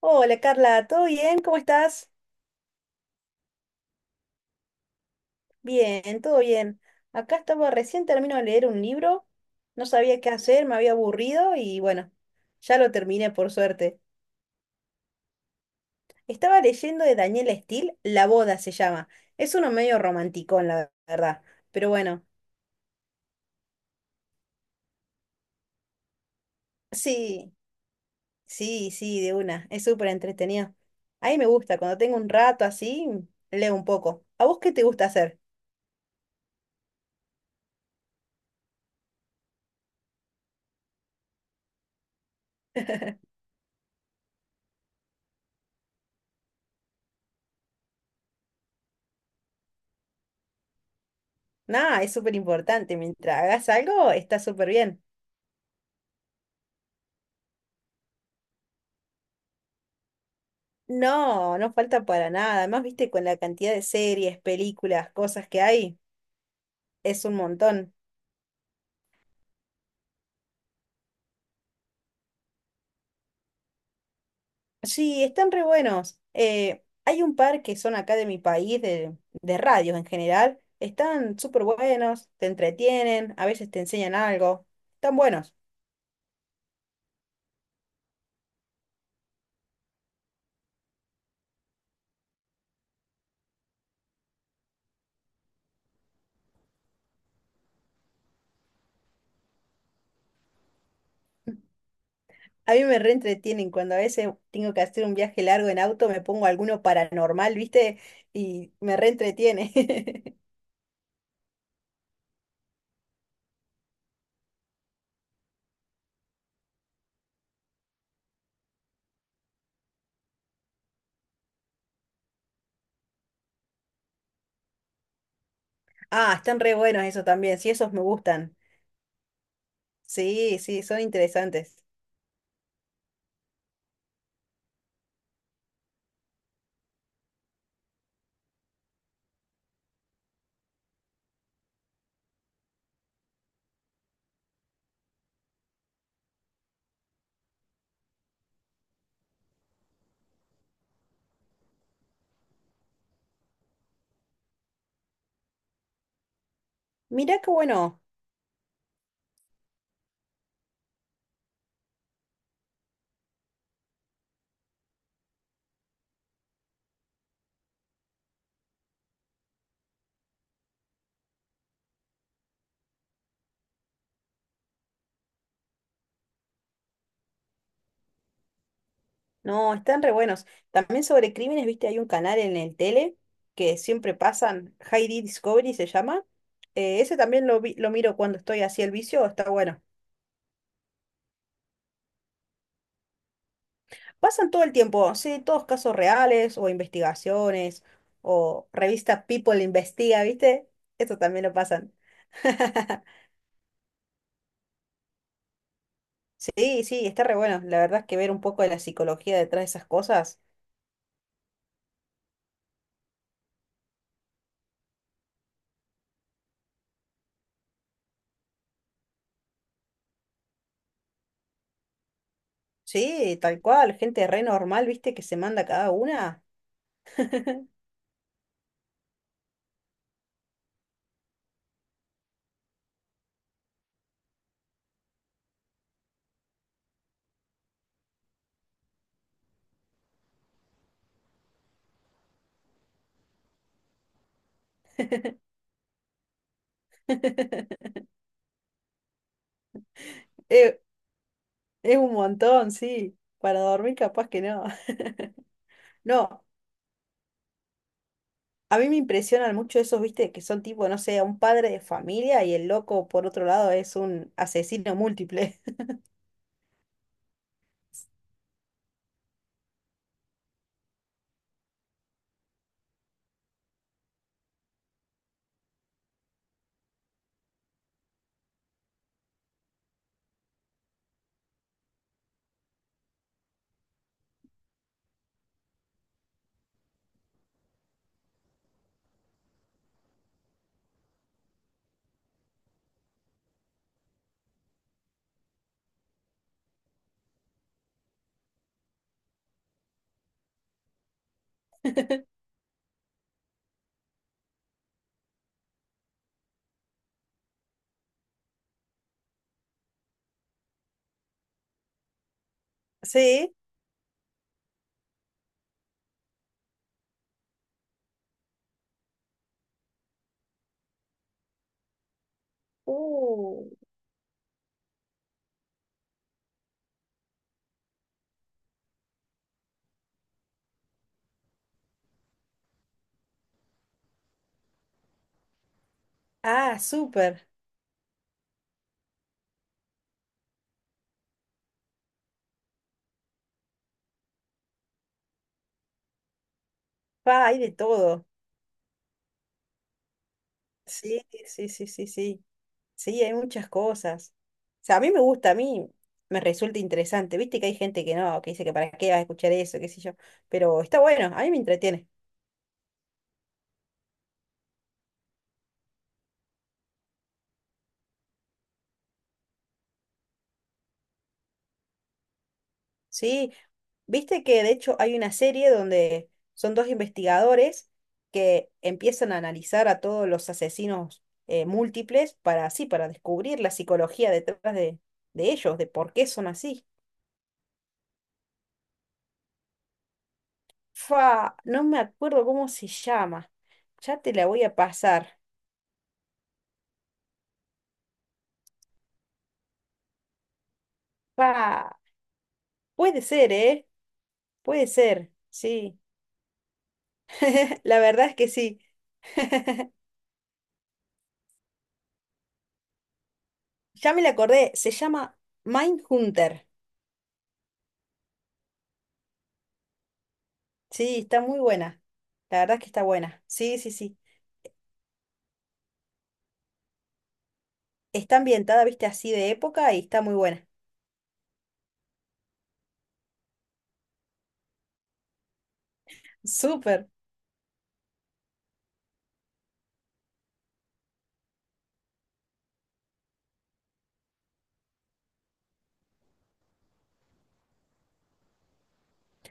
Hola Carla, ¿todo bien? ¿Cómo estás? Bien, todo bien. Acá estaba, recién termino de leer un libro, no sabía qué hacer, me había aburrido y bueno, ya lo terminé por suerte. Estaba leyendo de Daniela Steele, La boda se llama. Es uno medio romántico, la verdad. Pero bueno, sí, sí, sí, de una. Es súper entretenido. A mí me gusta, cuando tengo un rato así, leo un poco. ¿A vos qué te gusta hacer? Nada, es súper importante. Mientras hagas algo, está súper bien. No, no falta para nada. Además, viste, con la cantidad de series, películas, cosas que hay, es un montón. Sí, están re buenos. Hay un par que son acá de mi país, de radios en general. Están súper buenos, te entretienen, a veces te enseñan algo. Están buenos. A mí me reentretienen cuando a veces tengo que hacer un viaje largo en auto, me pongo alguno paranormal, viste, y me reentretiene. Ah, están re buenos eso también. Sí, esos me gustan. Sí, sí, son interesantes. Mirá qué bueno. No, están re buenos. También sobre crímenes, viste, hay un canal en el tele que siempre pasan, Heidi Discovery se llama. Ese también lo miro cuando estoy así el vicio, está bueno. Pasan todo el tiempo, sí, todos casos reales o investigaciones o revista People Investiga, ¿viste? Eso también lo pasan. Sí, sí, está re bueno. La verdad es que ver un poco de la psicología detrás de esas cosas. Sí, tal cual, gente re normal, ¿viste? Que se manda cada una. Eh, es un montón, sí. Para dormir capaz que no. No, a mí me impresionan mucho esos, viste, que son tipo, no sé, un padre de familia y el loco por otro lado es un asesino múltiple. Sí. Uh. Ah, súper. Pa, hay de todo. Sí, sí, sí, sí, sí. Sí, hay muchas cosas. O sea, a mí me gusta, a mí me resulta interesante. Viste que hay gente que no, que dice que para qué vas a escuchar eso, qué sé yo. Pero está bueno, a mí me entretiene. Sí, viste que de hecho hay una serie donde son dos investigadores que empiezan a analizar a todos los asesinos múltiples para así, para descubrir la psicología detrás de ellos, de por qué son así. Fa, no me acuerdo cómo se llama. Ya te la voy a pasar. Fa, puede ser, ¿eh? Puede ser, sí. La verdad es que sí. Ya me la acordé, se llama Mindhunter. Sí, está muy buena. La verdad es que está buena. Sí, sí, sí. Está ambientada, viste, así de época y está muy buena. Súper.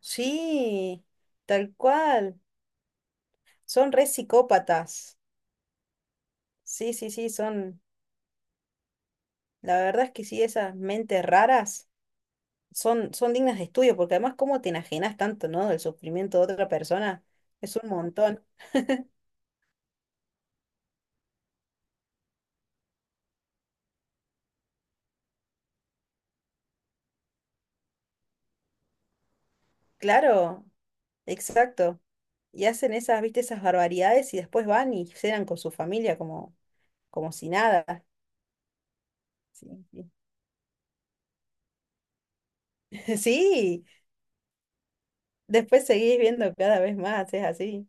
Sí, tal cual. Son re psicópatas. Sí, sí, sí, son. La verdad es que sí, esas mentes raras son, son dignas de estudio, porque además, ¿cómo te enajenas tanto, ¿no? Del sufrimiento de otra persona. Es un montón. Claro, exacto. Y hacen esas, viste, esas barbaridades y después van y cenan con su familia como, como si nada. Sí, sí. Sí, después seguís viendo cada vez más, es así.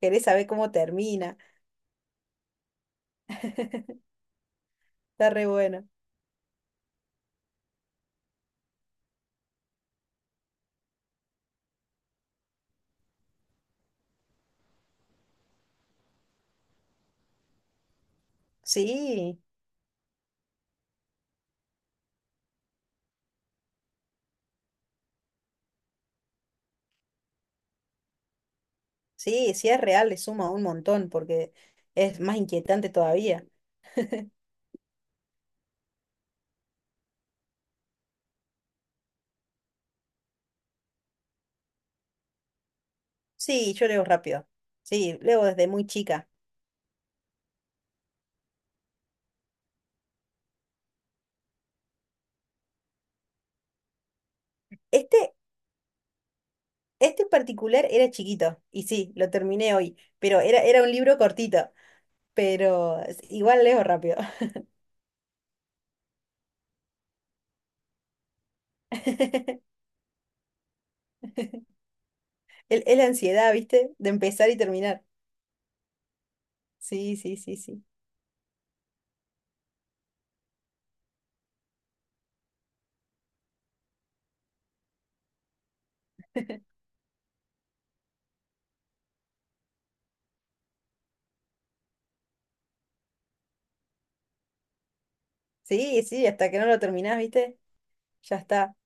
Querés saber cómo termina, está re bueno. Sí, sí, si es real, le suma un montón porque es más inquietante todavía. Sí, yo leo rápido. Sí, leo desde muy chica. Este, este en particular era chiquito, y sí, lo terminé hoy, pero era un libro cortito, pero es- igual leo rápido. Es la ansiedad, ¿viste? De empezar y terminar. Sí, sí, sí, sí. Sí, sí, hasta que no lo terminás, ¿viste? Ya está.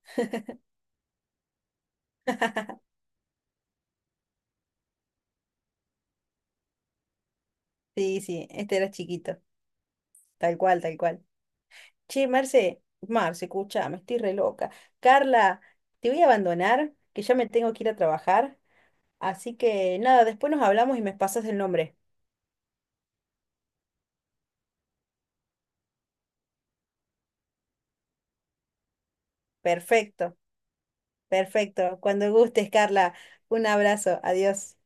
Sí, sí, este era chiquito. Tal cual, tal cual. Che, Marce, escucha, me estoy re loca. Carla, te voy a abandonar, que ya me tengo que ir a trabajar. Así que nada, después nos hablamos y me pasas el nombre. Perfecto, perfecto. Cuando gustes, Carla. Un abrazo, adiós.